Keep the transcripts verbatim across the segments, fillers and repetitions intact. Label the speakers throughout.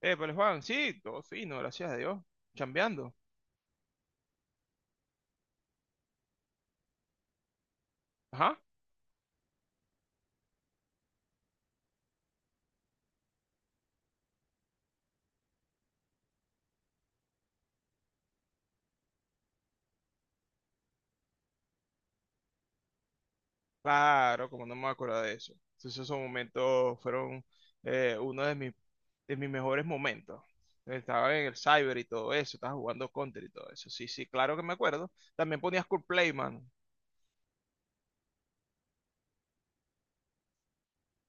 Speaker 1: Eh, pero Juan, sí, todo fino, gracias a Dios, chambeando. Ajá, claro, como no me acuerdo de eso. Entonces esos momentos fueron eh, uno de mis, de mis mejores momentos. Estaba en el cyber y todo eso, estaba jugando Counter y todo eso. Sí, sí, claro que me acuerdo. También ponías Cool Play, mano.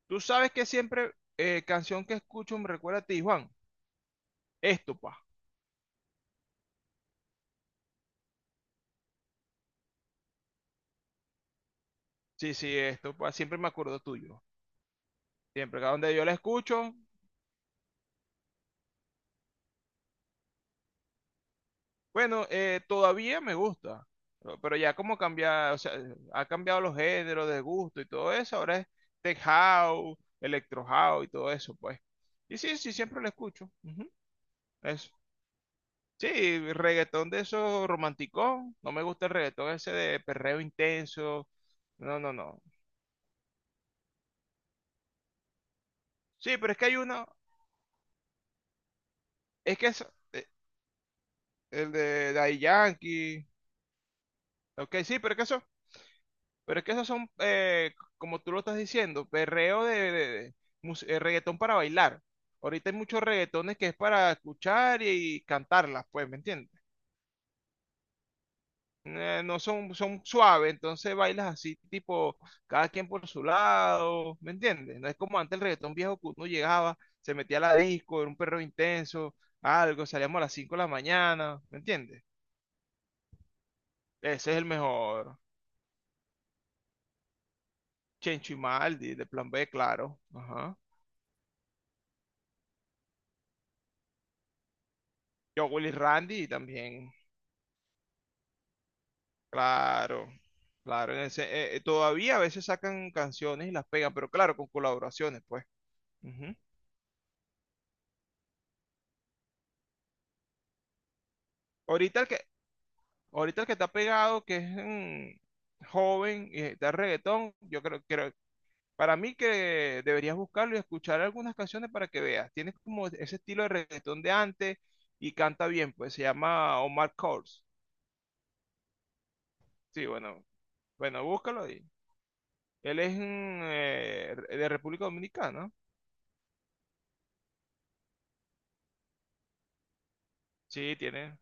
Speaker 1: Tú sabes que siempre, eh, canción que escucho me recuerda a ti, Juan. Esto, pa. Sí, sí, esto, pa. Siempre me acuerdo tuyo. Siempre, cada donde yo la escucho. Bueno, eh, todavía me gusta, pero pero ya como cambia, o sea, ha cambiado los géneros de gusto y todo eso. Ahora es tech house, electro house y todo eso, pues. Y sí, sí, siempre lo escucho. Ujú. Eso. Sí, reggaetón de esos romanticón, no me gusta el reggaetón ese de perreo intenso, no, no, no. Sí, pero es que hay uno, es que es eh, el de Daddy Yankee. Ok, sí, pero es que eso. Pero es que esos son, eh, como tú lo estás diciendo, perreo de, de- de mus- eh, reggaetón para bailar. Ahorita hay muchos reggaetones que es para escuchar y cantarlas, pues, ¿me entiendes? Eh, no son, son suaves, entonces bailas así, tipo, cada quien por su lado, ¿me entiendes? No es como antes el reggaetón viejo que uno llegaba, se metía a la disco, era un perreo intenso, algo, salíamos a las cinco de la mañana, ¿me entiendes? Ese es el mejor. Chencho y Maldi, de Plan B, claro. Ajá. Yo, Willy Randy también. Claro, claro. En ese- eh, eh, todavía a veces sacan canciones y las pegan, pero claro, con colaboraciones, pues. Ujú. Ahorita el que, ahorita el que está pegado, que es mm, joven y está en reggaetón, yo creo, creo, para mí que deberías buscarlo y escuchar algunas canciones para que veas. Tiene como ese estilo de reggaetón de antes y canta bien, pues se llama Omar Courtz. Sí, bueno, bueno, búscalo ahí. Él es mm, eh, de República Dominicana. Sí, tiene.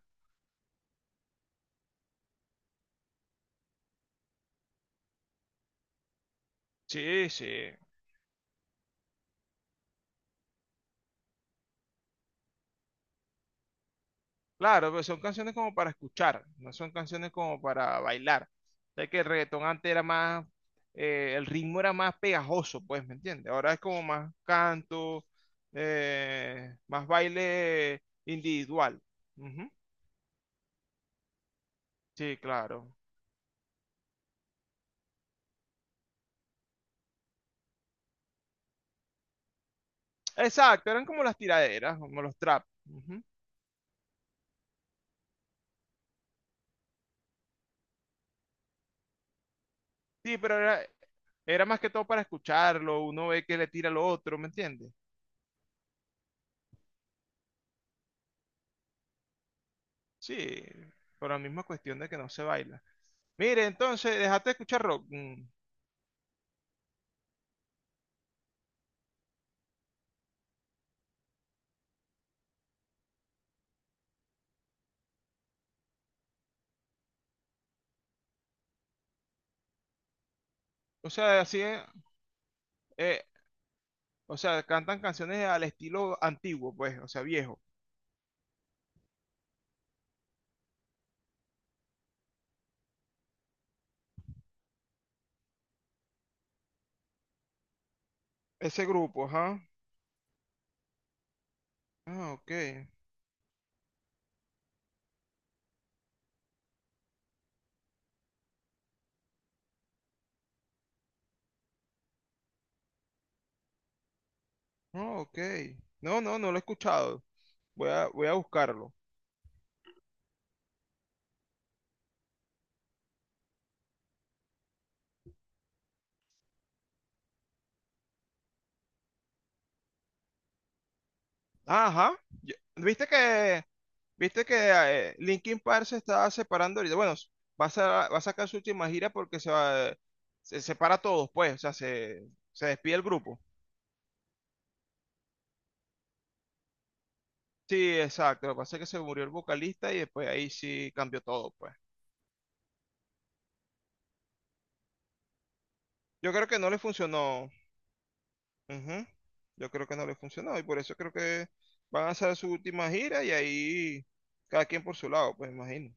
Speaker 1: Sí, sí. Claro, pero son canciones como para escuchar, no son canciones como para bailar. Sé que el reggaetón antes era más, eh, el ritmo era más pegajoso, pues, ¿me entiendes? Ahora es como más canto, eh, más baile individual. Ujú. Sí, claro. Exacto, eran como las tiraderas, como los trap. Ujú. Sí, pero era, era más que todo para escucharlo, uno ve que le tira al otro, ¿me entiendes? Sí, por la misma cuestión de que no se baila. Mire, entonces, dejaste de escuchar rock. Mm. O sea, así es, eh, o sea, cantan canciones al estilo antiguo, pues, o sea, viejo. Ese grupo, ajá. Ah, ok. Ah, ok. No, no, no lo he escuchado. Voy a, voy a buscarlo. Ah, ajá. Yo- ¿Viste que, viste que, eh, Linkin Park se está separando ahorita? Bueno, s- va a, sa- va a sacar su última gira porque se va, eh, se separa a todos, pues, o sea, se, se despide el grupo. Sí, exacto. Lo que pasa es que se murió el vocalista y después ahí sí cambió todo, pues. Yo creo que no le funcionó. Ujú. Yo creo que no les funcionó y por eso creo que van a hacer su última gira y ahí cada quien por su lado, pues imagino.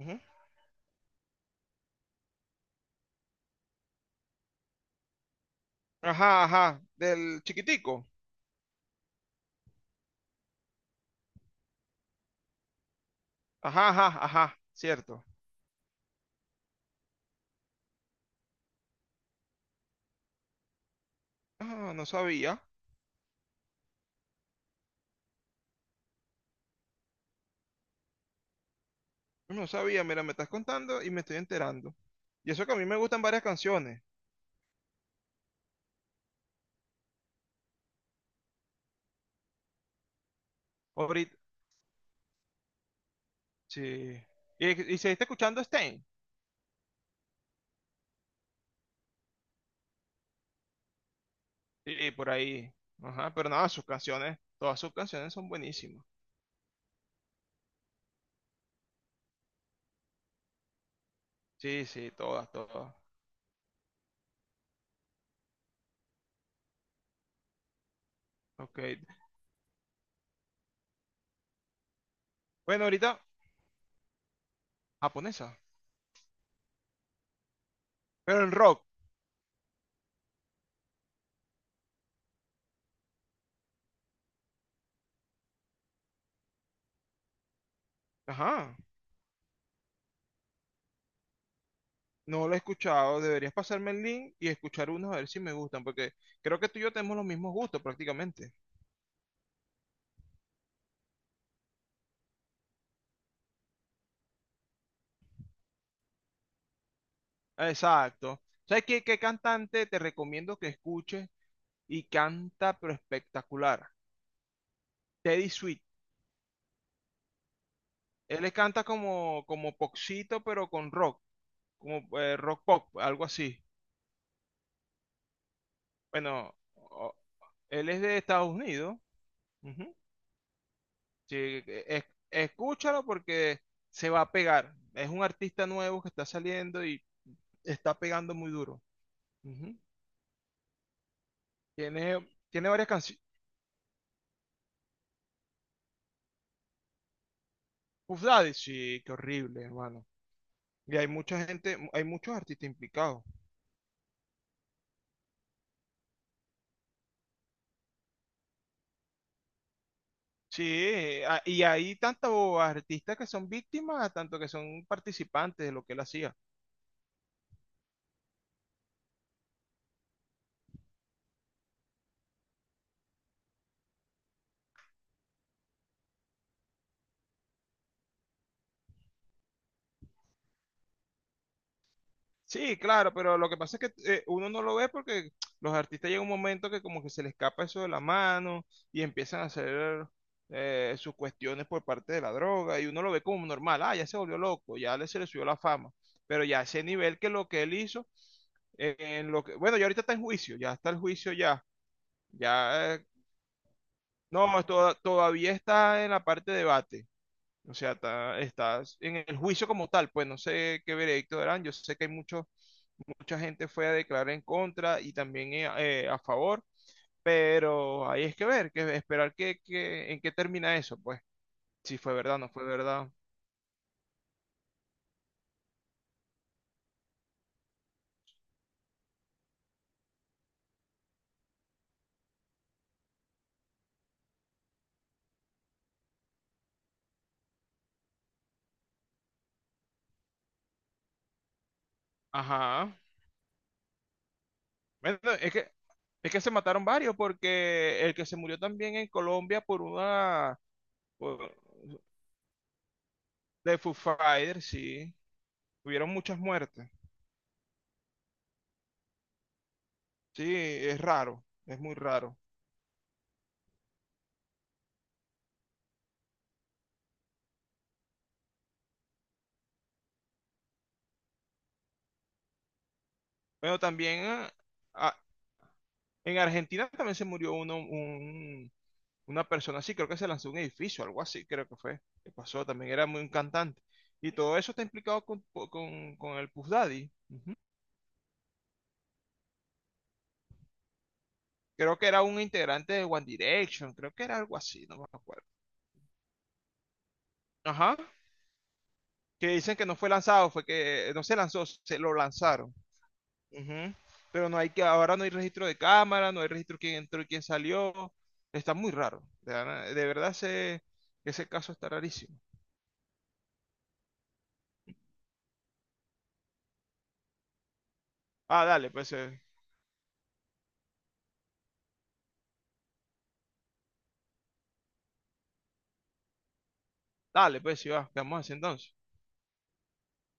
Speaker 1: Ujú. Ajá, ajá, del chiquitico. Ajá, ajá, ajá, cierto. Ah, no sabía, no sabía, mira, me estás contando y me estoy enterando. Y eso que a mí me gustan varias canciones. Ahorita, sí. Y, y seguiste escuchando Stein. Sí, por ahí. Ajá, pero nada, sus canciones, todas sus canciones son buenísimas. Sí, sí, todas, todas. Ok. Bueno, ahorita, japonesa. Pero en rock, ajá, no lo he escuchado. Deberías pasarme el link y escuchar unos a ver si me gustan, porque creo que tú y yo tenemos los mismos gustos prácticamente. Exacto. ¿Sabes qué, qué cantante te recomiendo que escuches y canta pero espectacular? Teddy Sweet. Él le canta como, como popcito, pero con rock, como eh, rock pop, algo así. Bueno, o- él es de Estados Unidos. Ujú. Sí, e, es- Escúchalo porque se va a pegar. Es un artista nuevo que está saliendo y está pegando muy duro. Ujú. Tiene, tiene varias canciones. Puff Daddy, sí, qué horrible, hermano. Y hay mucha gente, hay muchos artistas implicados. Sí, eh, a- y hay tantos artistas que son víctimas, tanto que son participantes de lo que él hacía. Sí, claro, pero lo que pasa es que, eh, uno no lo ve porque los artistas llega un momento que como que se les escapa eso de la mano y empiezan a hacer eh, sus cuestiones por parte de la droga y uno lo ve como normal. Ah, ya se volvió loco, ya le se le subió la fama, pero ya a ese nivel que lo que él hizo, eh, en lo que, bueno, ya ahorita está en juicio, ya está el juicio ya, ya, eh, no, to- todavía está en la parte de debate, o sea, está, está en el juicio como tal, pues no sé qué veredicto darán. Yo sé que hay muchos mucha gente fue a declarar en contra y también eh, eh, a favor, pero ahí es que ver, que esperar que, que- en qué termina eso, pues, si fue verdad, no fue verdad. Ajá. Bueno, es que, es que se mataron varios, porque el que se murió también en Colombia por una por- de Foo Fighters, sí, hubieron muchas muertes. Sí, es raro, es muy raro. Bueno, también ah, ah, en Argentina también se murió uno, un, una persona así, creo que se lanzó un edificio, algo así, creo que fue, que pasó, también era muy un cantante. Y todo eso está implicado con, con, con el Puff Daddy. Ujú. Creo que era un integrante de One Direction, creo que era algo así, no me acuerdo. Ajá, que dicen que no fue lanzado, fue que no se lanzó, se lo lanzaron. Ujú. Pero no hay que, ahora no hay registro de cámara, no hay registro de quién entró y quién salió. Está muy raro. De, verdad- de verdad ese, ese caso está rarísimo. Ah, dale, pues, eh, dale, pues, si va, quedamos así entonces.